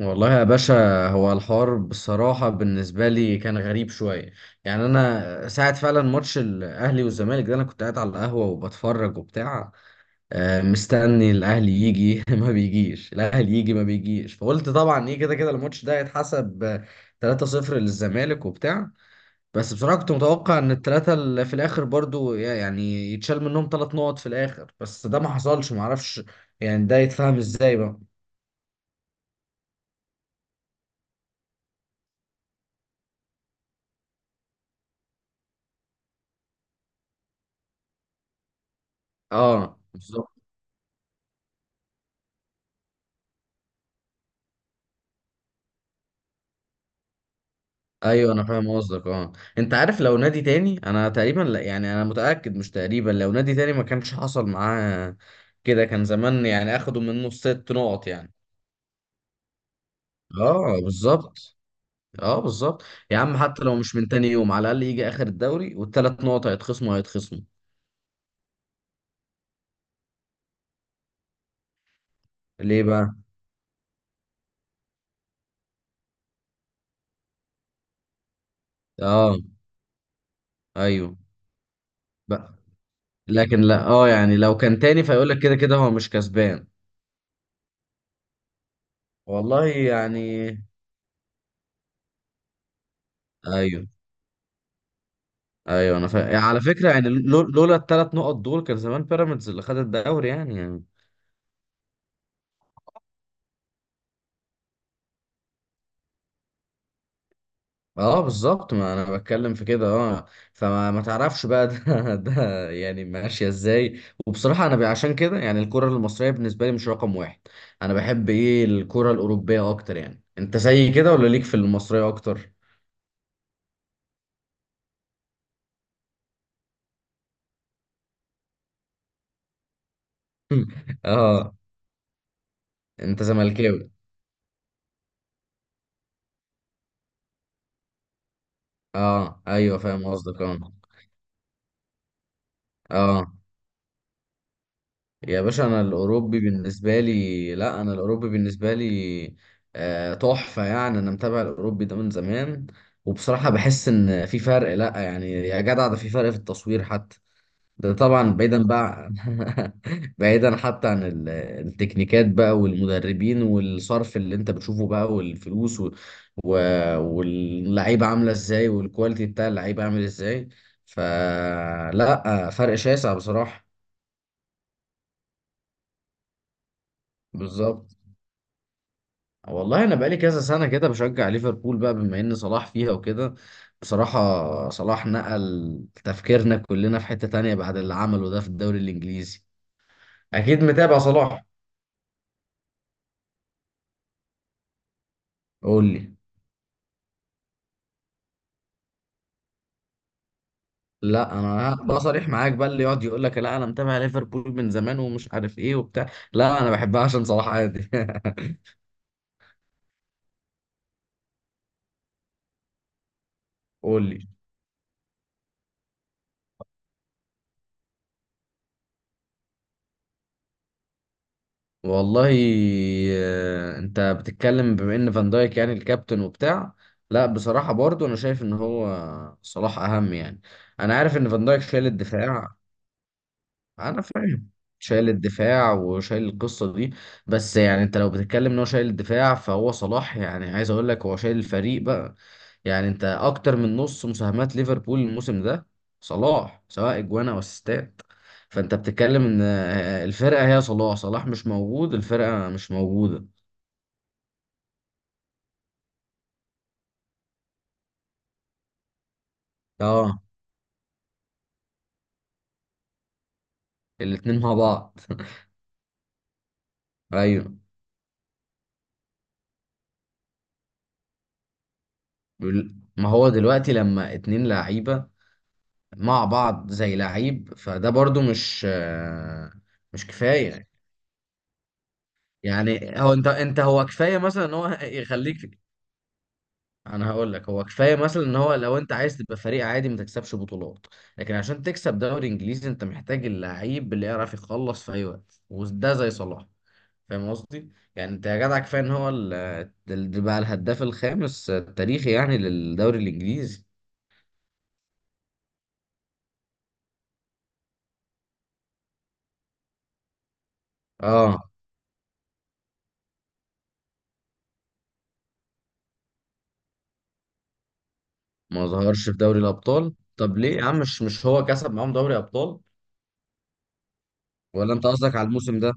والله يا باشا، هو الحوار بصراحة بالنسبة لي كان غريب شوية. يعني أنا ساعة فعلا ماتش الأهلي والزمالك ده أنا كنت قاعد على القهوة وبتفرج وبتاع. مستني الأهلي يجي ما بيجيش، الأهلي يجي ما بيجيش. فقلت طبعا إيه، كده كده الماتش ده هيتحسب 3-0 للزمالك وبتاع. بس بصراحة كنت متوقع إن التلاتة اللي في الآخر برضو يعني يتشال منهم تلات نقط في الآخر، بس ده ما حصلش، معرفش. يعني ده يتفهم إزاي بقى. اه، بالظبط. ايوه انا فاهم قصدك، اه. انت عارف لو نادي تاني انا تقريبا لا، يعني انا متاكد مش تقريبا، لو نادي تاني ما كانش حصل معاه كده. كان زمان يعني اخدوا منه ست نقط يعني. اه، بالظبط. اه، بالظبط. يا عم حتى لو مش من تاني يوم على الاقل يجي اخر الدوري والثلاث نقط هيتخصموا هيتخصموا. ليه بقى. اه، ايوه، بقى. لكن لا، يعني لو كان تاني فيقول لك كده كده هو مش كسبان. والله يعني. ايوه. ايوه انا فاهم، يعني على فكره يعني لولا الثلاث نقط دول كان زمان بيراميدز اللي خد الدوري، يعني يعني. اه، بالظبط، ما انا بتكلم في كده، اه. فما ما تعرفش بقى ده ده يعني ماشيه ازاي. وبصراحه انا عشان كده يعني الكره المصريه بالنسبه لي مش رقم واحد. انا بحب ايه الكره الاوروبيه اكتر، يعني انت زي كده ولا ليك في المصريه اكتر؟ اه. انت زملكاوي؟ اه، ايوه فاهم قصدك، اه. اه، يا باشا انا الاوروبي بالنسبه لي، لا انا الاوروبي بالنسبه لي تحفه يعني. انا متابع الاوروبي ده من زمان، وبصراحه بحس ان في فرق، لا يعني يا جدع ده في فرق في التصوير حتى. ده طبعا بعيدا بقى. بعيدا حتى عن التكنيكات بقى، والمدربين، والصرف اللي انت بتشوفه بقى، والفلوس و... و... واللعيبه عامله ازاي، والكواليتي بتاع اللعيبه عامل ازاي. فلا فرق شاسع بصراحه. بالظبط. والله انا بقالي كذا سنه كده بشجع ليفربول بقى، بما ان صلاح فيها وكده. بصراحه صلاح نقل تفكيرنا كلنا في حته تانية بعد اللي عمله ده في الدوري الانجليزي. اكيد متابع صلاح. قول لي. لا انا بقى صريح معاك بقى، اللي يقعد يقول لك لا انا متابع ليفربول من زمان ومش عارف ايه وبتاع، لا انا بحبها عشان صلاح عادي. قول لي. والله. انت بتتكلم بما ان فان دايك يعني الكابتن وبتاع. لا بصراحة برضو انا شايف ان هو صلاح اهم يعني. انا عارف ان فان دايك شايل الدفاع. انا فاهم. شايل الدفاع وشايل القصة دي، بس يعني انت لو بتتكلم ان هو شايل الدفاع فهو صلاح يعني عايز اقول لك هو شايل الفريق بقى. يعني انت اكتر من نص مساهمات ليفربول الموسم ده صلاح، سواء اجوان او اسيستات. فانت بتتكلم ان الفرقه هي صلاح، صلاح مش موجود الفرقه مش موجوده. اه. الاتنين مع بعض. ايوه. ما هو دلوقتي لما اتنين لعيبه مع بعض زي لعيب فده برضو مش، مش كفايه. يعني هو انت هو كفايه مثلا ان هو يخليك. انا هقول لك هو كفايه مثلا ان هو لو انت عايز تبقى فريق عادي ما تكسبش بطولات. لكن عشان تكسب دوري انجليزي انت محتاج اللعيب اللي يعرف يخلص في اي وقت، وده زي صلاح. فاهم قصدي، يعني انت يا جدع كفايه ان هو بقى الهداف الخامس التاريخي يعني للدوري الانجليزي. اه، ما ظهرش في دوري الابطال، طب ليه يا عم، مش هو كسب معاهم دوري ابطال. ولا انت قصدك على الموسم ده.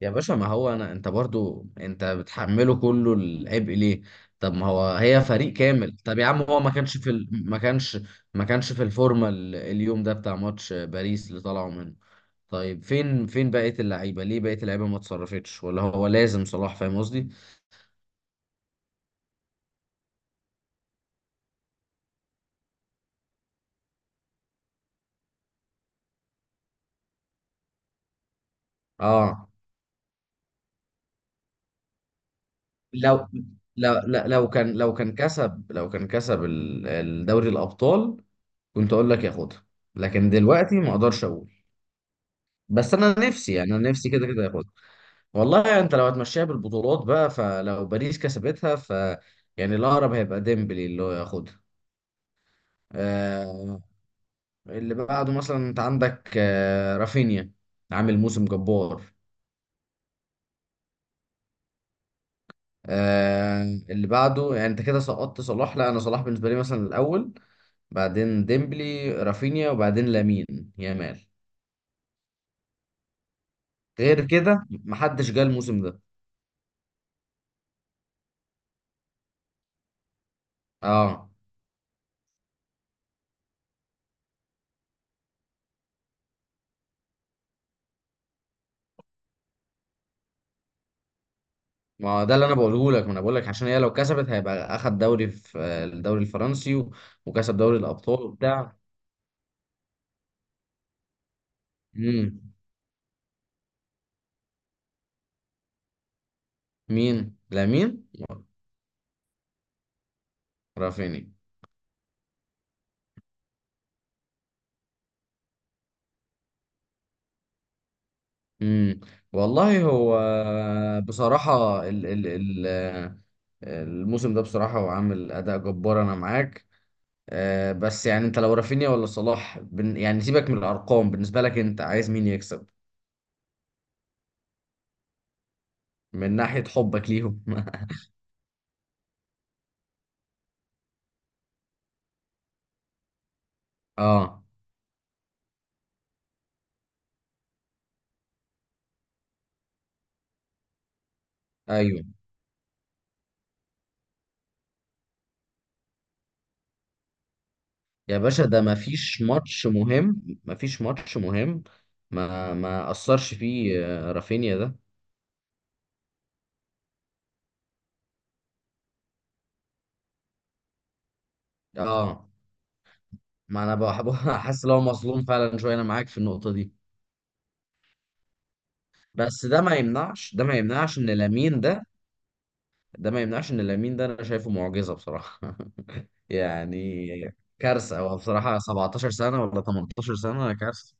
يا باشا ما هو انا، انت برضو انت بتحمله كله العبء ليه؟ طب ما هو هي فريق كامل. طب يا عم هو ما كانش في ما كانش، ما كانش في الفورمه اليوم ده بتاع ماتش باريس اللي طلعوا منه. طيب فين بقيه اللعيبه، ليه بقيه اللعيبه ما اتصرفتش ولا هو لازم صلاح؟ فاهم قصدي. اه، لو لو لا- لو كان كسب الدوري الابطال كنت اقول لك ياخدها. لكن دلوقتي ما اقدرش اقول. بس انا نفسي يعني انا نفسي كده كده ياخدها. والله يعني انت لو هتمشيها بالبطولات بقى فلو باريس كسبتها ف... يعني الاقرب هيبقى ديمبلي اللي هو ياخدها. آه اللي بعده مثلا انت عندك رافينيا، عامل موسم جبار. آه اللي بعده يعني، انت كده سقطت صلاح، لا انا صلاح بالنسبه لي مثلا الاول، بعدين ديمبلي رافينيا وبعدين لامين يامال، غير كده محدش جه الموسم ده. اه، ما هو ده اللي انا بقوله لك، ما انا بقول لك عشان هي لو كسبت هيبقى اخد دوري في الدوري الفرنسي وكسب دوري الابطال وبتاع. امم. مين، لامين؟ رافيني. امم. والله هو، بصراحة ال ال ال آه، الموسم ده بصراحة هو عامل اداء جبار، انا معاك. بس يعني انت لو رافينيا ولا صلاح، بن يعني سيبك من الارقام، بالنسبة لك انت عايز مين يكسب. من ناحية حبك ليهم. اه، ايوه. يا باشا ده ما فيش ماتش مهم، ما فيش ماتش مهم ما اثرش فيه رافينيا ده. اه، ما انا بحب. حاسس ان هو مظلوم فعلا شويه، انا معاك في النقطه دي. بس ده ما يمنعش، ده ما يمنعش ان لامين ده، ده ما يمنعش ان لامين ده انا شايفه معجزه بصراحه. يعني كارثه هو بصراحه، 17 سنه ولا 18 سنه، كارثه.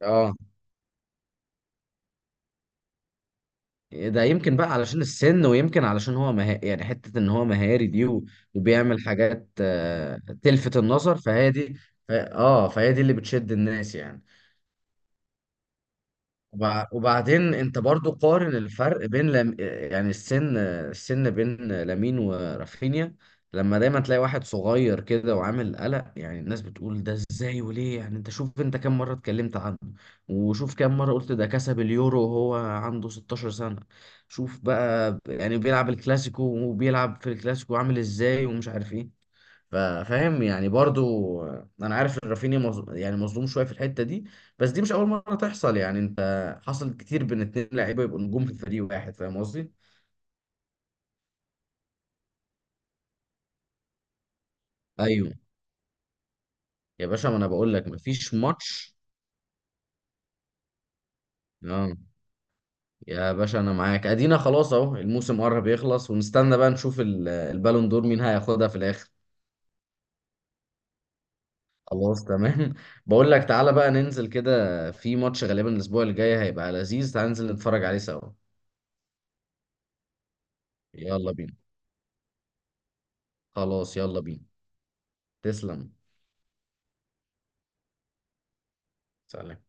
اه، ده يمكن بقى علشان السن، ويمكن علشان هو يعني حتة ان هو مهاري دي و... وبيعمل حاجات تلفت النظر فهي دي. ف... اه فهي دي اللي بتشد الناس يعني. وبعدين انت برضو قارن الفرق بين لم... يعني السن بين لامين ورافينيا. لما دايما تلاقي واحد صغير كده وعامل قلق يعني، الناس بتقول ده ازاي وليه، يعني انت شوف، انت كم مرة اتكلمت عنه، وشوف كم مرة قلت ده كسب اليورو وهو عنده 16 سنة، شوف بقى يعني بيلعب الكلاسيكو وبيلعب في الكلاسيكو عامل ازاي ومش عارف ايه. فاهم يعني برضو. انا عارف ان رافينيا يعني مظلوم شويه في الحته دي، بس دي مش اول مره تحصل، يعني انت حصل كتير بين اتنين لعيبه يبقوا نجوم في فريق واحد. فاهم قصدي. ايوه. يا باشا ما انا بقول لك مفيش ماتش. اه. يا باشا انا معاك، ادينا خلاص اهو الموسم قرب يخلص، ونستنى بقى نشوف البالون دور مين هياخدها في الاخر. خلاص تمام. بقول لك تعالى بقى ننزل كده في ماتش غالبا الاسبوع الجاي هيبقى لذيذ، تعالى ننزل نتفرج عليه سوا. يلا بينا. خلاص يلا بينا. تسلم. سلام.